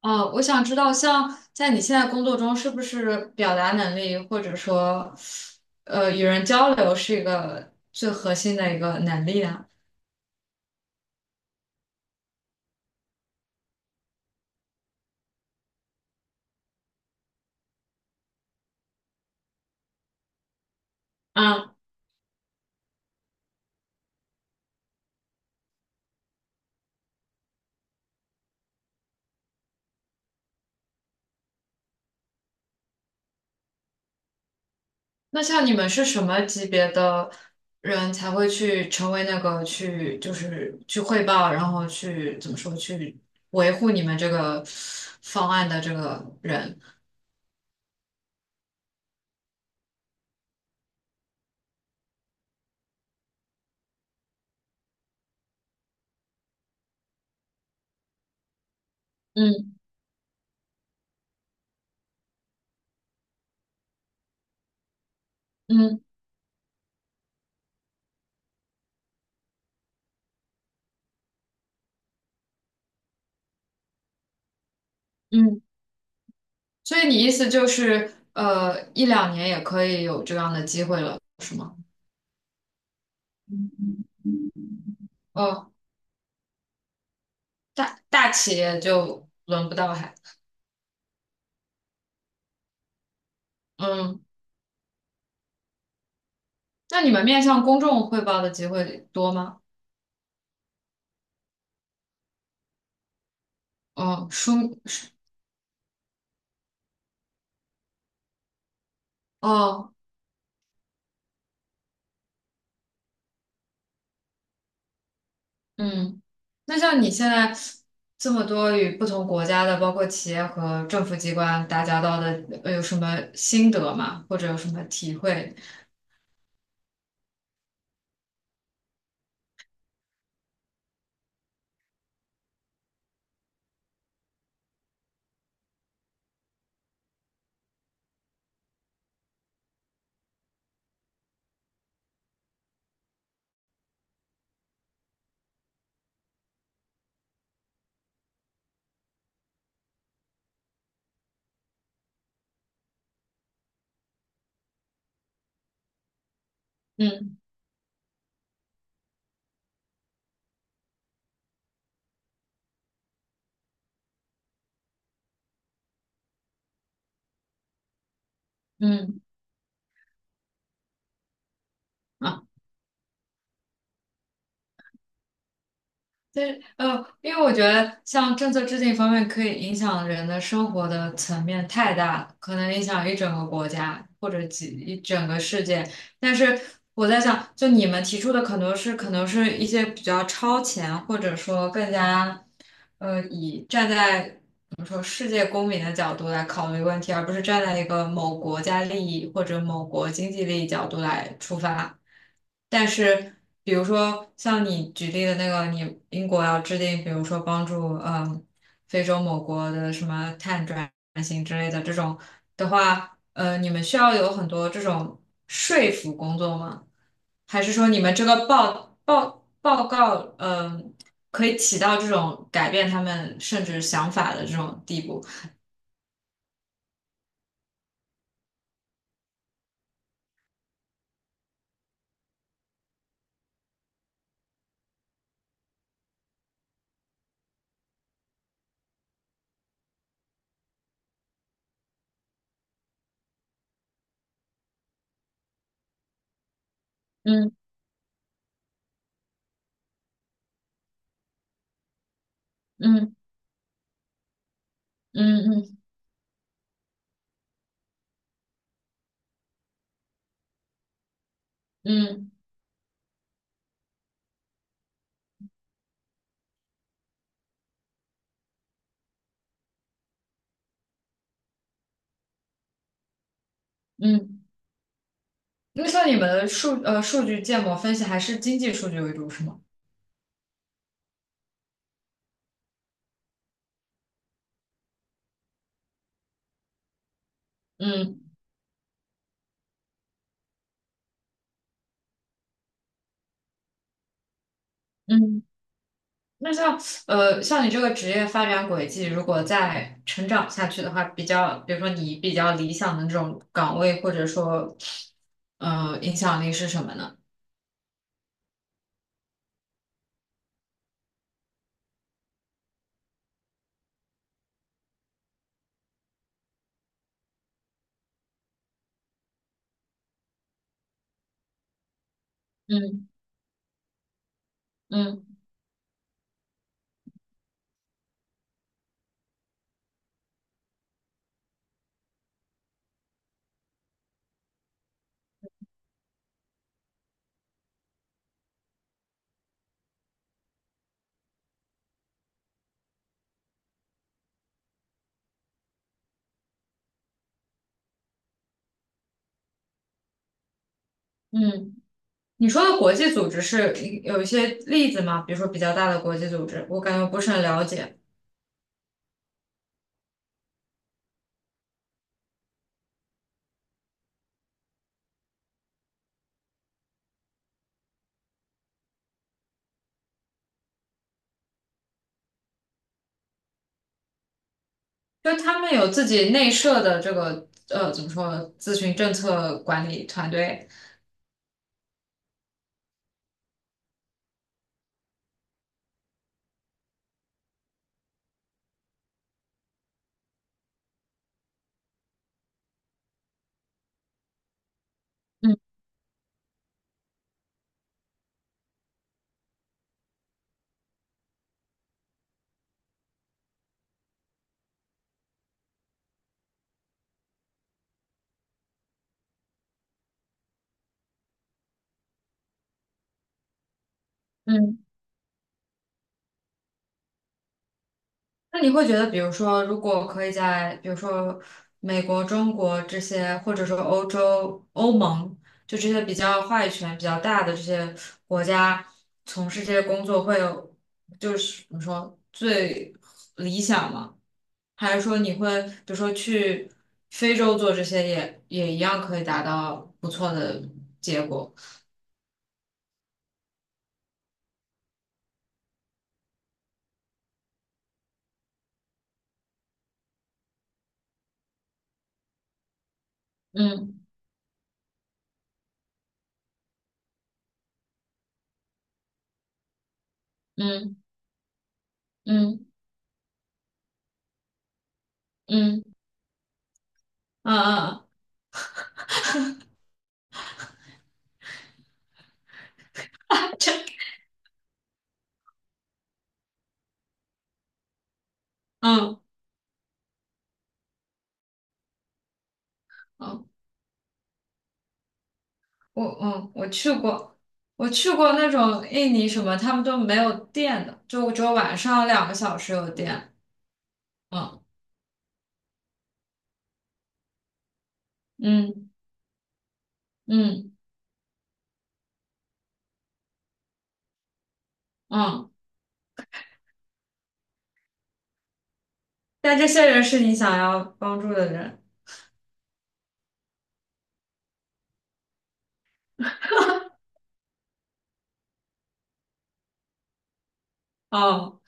哦，我想知道，像在你现在工作中，是不是表达能力或者说，与人交流是一个最核心的一个能力呢？嗯。那像你们是什么级别的人才会去成为那个去就是去汇报，然后去怎么说去维护你们这个方案的这个人？嗯嗯嗯。所以你意思就是，一两年也可以有这样的机会了，是吗？哦，大企业就轮不到还。嗯。那你们面向公众汇报的机会多吗？哦，书。哦。嗯。那像你现在这么多与不同国家的，包括企业和政府机关打交道的，有什么心得吗？或者有什么体会？嗯嗯。啊。对，因为我觉得像政策制定方面，可以影响人的生活的层面太大了，可能影响一整个国家或者一整个世界。但是我在想，就你们提出的可能是，可能是一些比较超前，或者说更加，以站在我们说世界公民的角度来考虑问题，而不是站在一个某国家利益或者某国经济利益角度来出发。但是，比如说像你举例的那个，你英国要制定，比如说帮助非洲某国的什么碳转型之类的这种的话，你们需要有很多这种说服工作吗？还是说你们这个报告，嗯，可以起到这种改变他们甚至想法的这种地步？嗯嗯嗯嗯嗯嗯。那像你们的数据建模分析还是经济数据为主，是吗？嗯嗯。那像你这个职业发展轨迹，如果再成长下去的话，比较比如说你比较理想的这种岗位，或者说影响力是什么呢？嗯嗯嗯。你说的国际组织是有一些例子吗？比如说比较大的国际组织，我感觉不是很了解，就他们有自己内设的这个怎么说咨询政策管理团队。嗯嗯。那你会觉得，比如说，如果可以在比如说美国、中国这些，或者说欧洲、欧盟，就这些比较话语权比较大的这些国家从事这些工作，会有就是怎么说最理想吗？还是说你会比如说去非洲做这些也一样可以达到不错的结果？嗯嗯嗯嗯嗯嗯嗯嗯。我去过，我去过那种印尼什么，他们都没有电的，就只有晚上2个小时有电。嗯嗯嗯嗯。但这些人是你想要帮助的人。哦。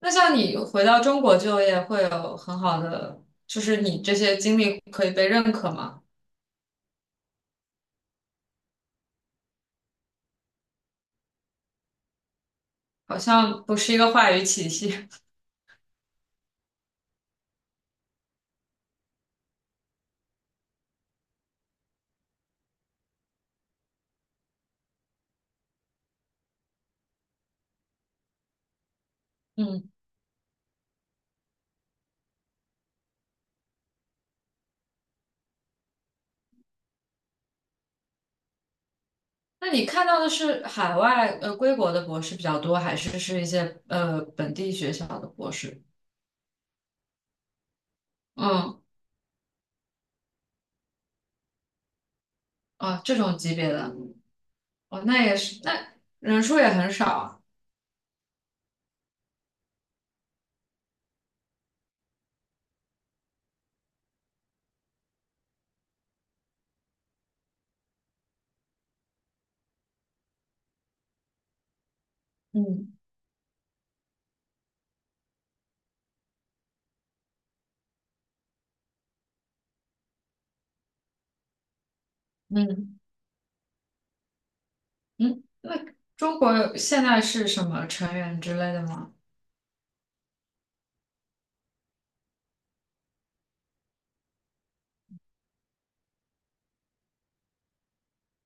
那像你回到中国就业会有很好的，就是你这些经历可以被认可吗？好像不是一个话语体系。嗯。那你看到的是海外归国的博士比较多，还是一些本地学校的博士？嗯。啊，这种级别的。哦，那也是。那人数也很少啊。嗯嗯嗯。那中国现在是什么成员之类的吗？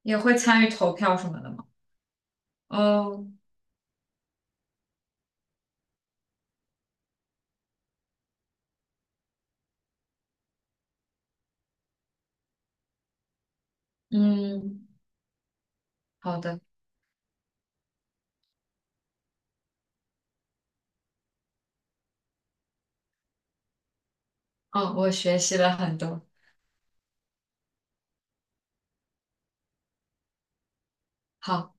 也会参与投票什么的吗？哦。嗯。好的。哦，我学习了很多。好。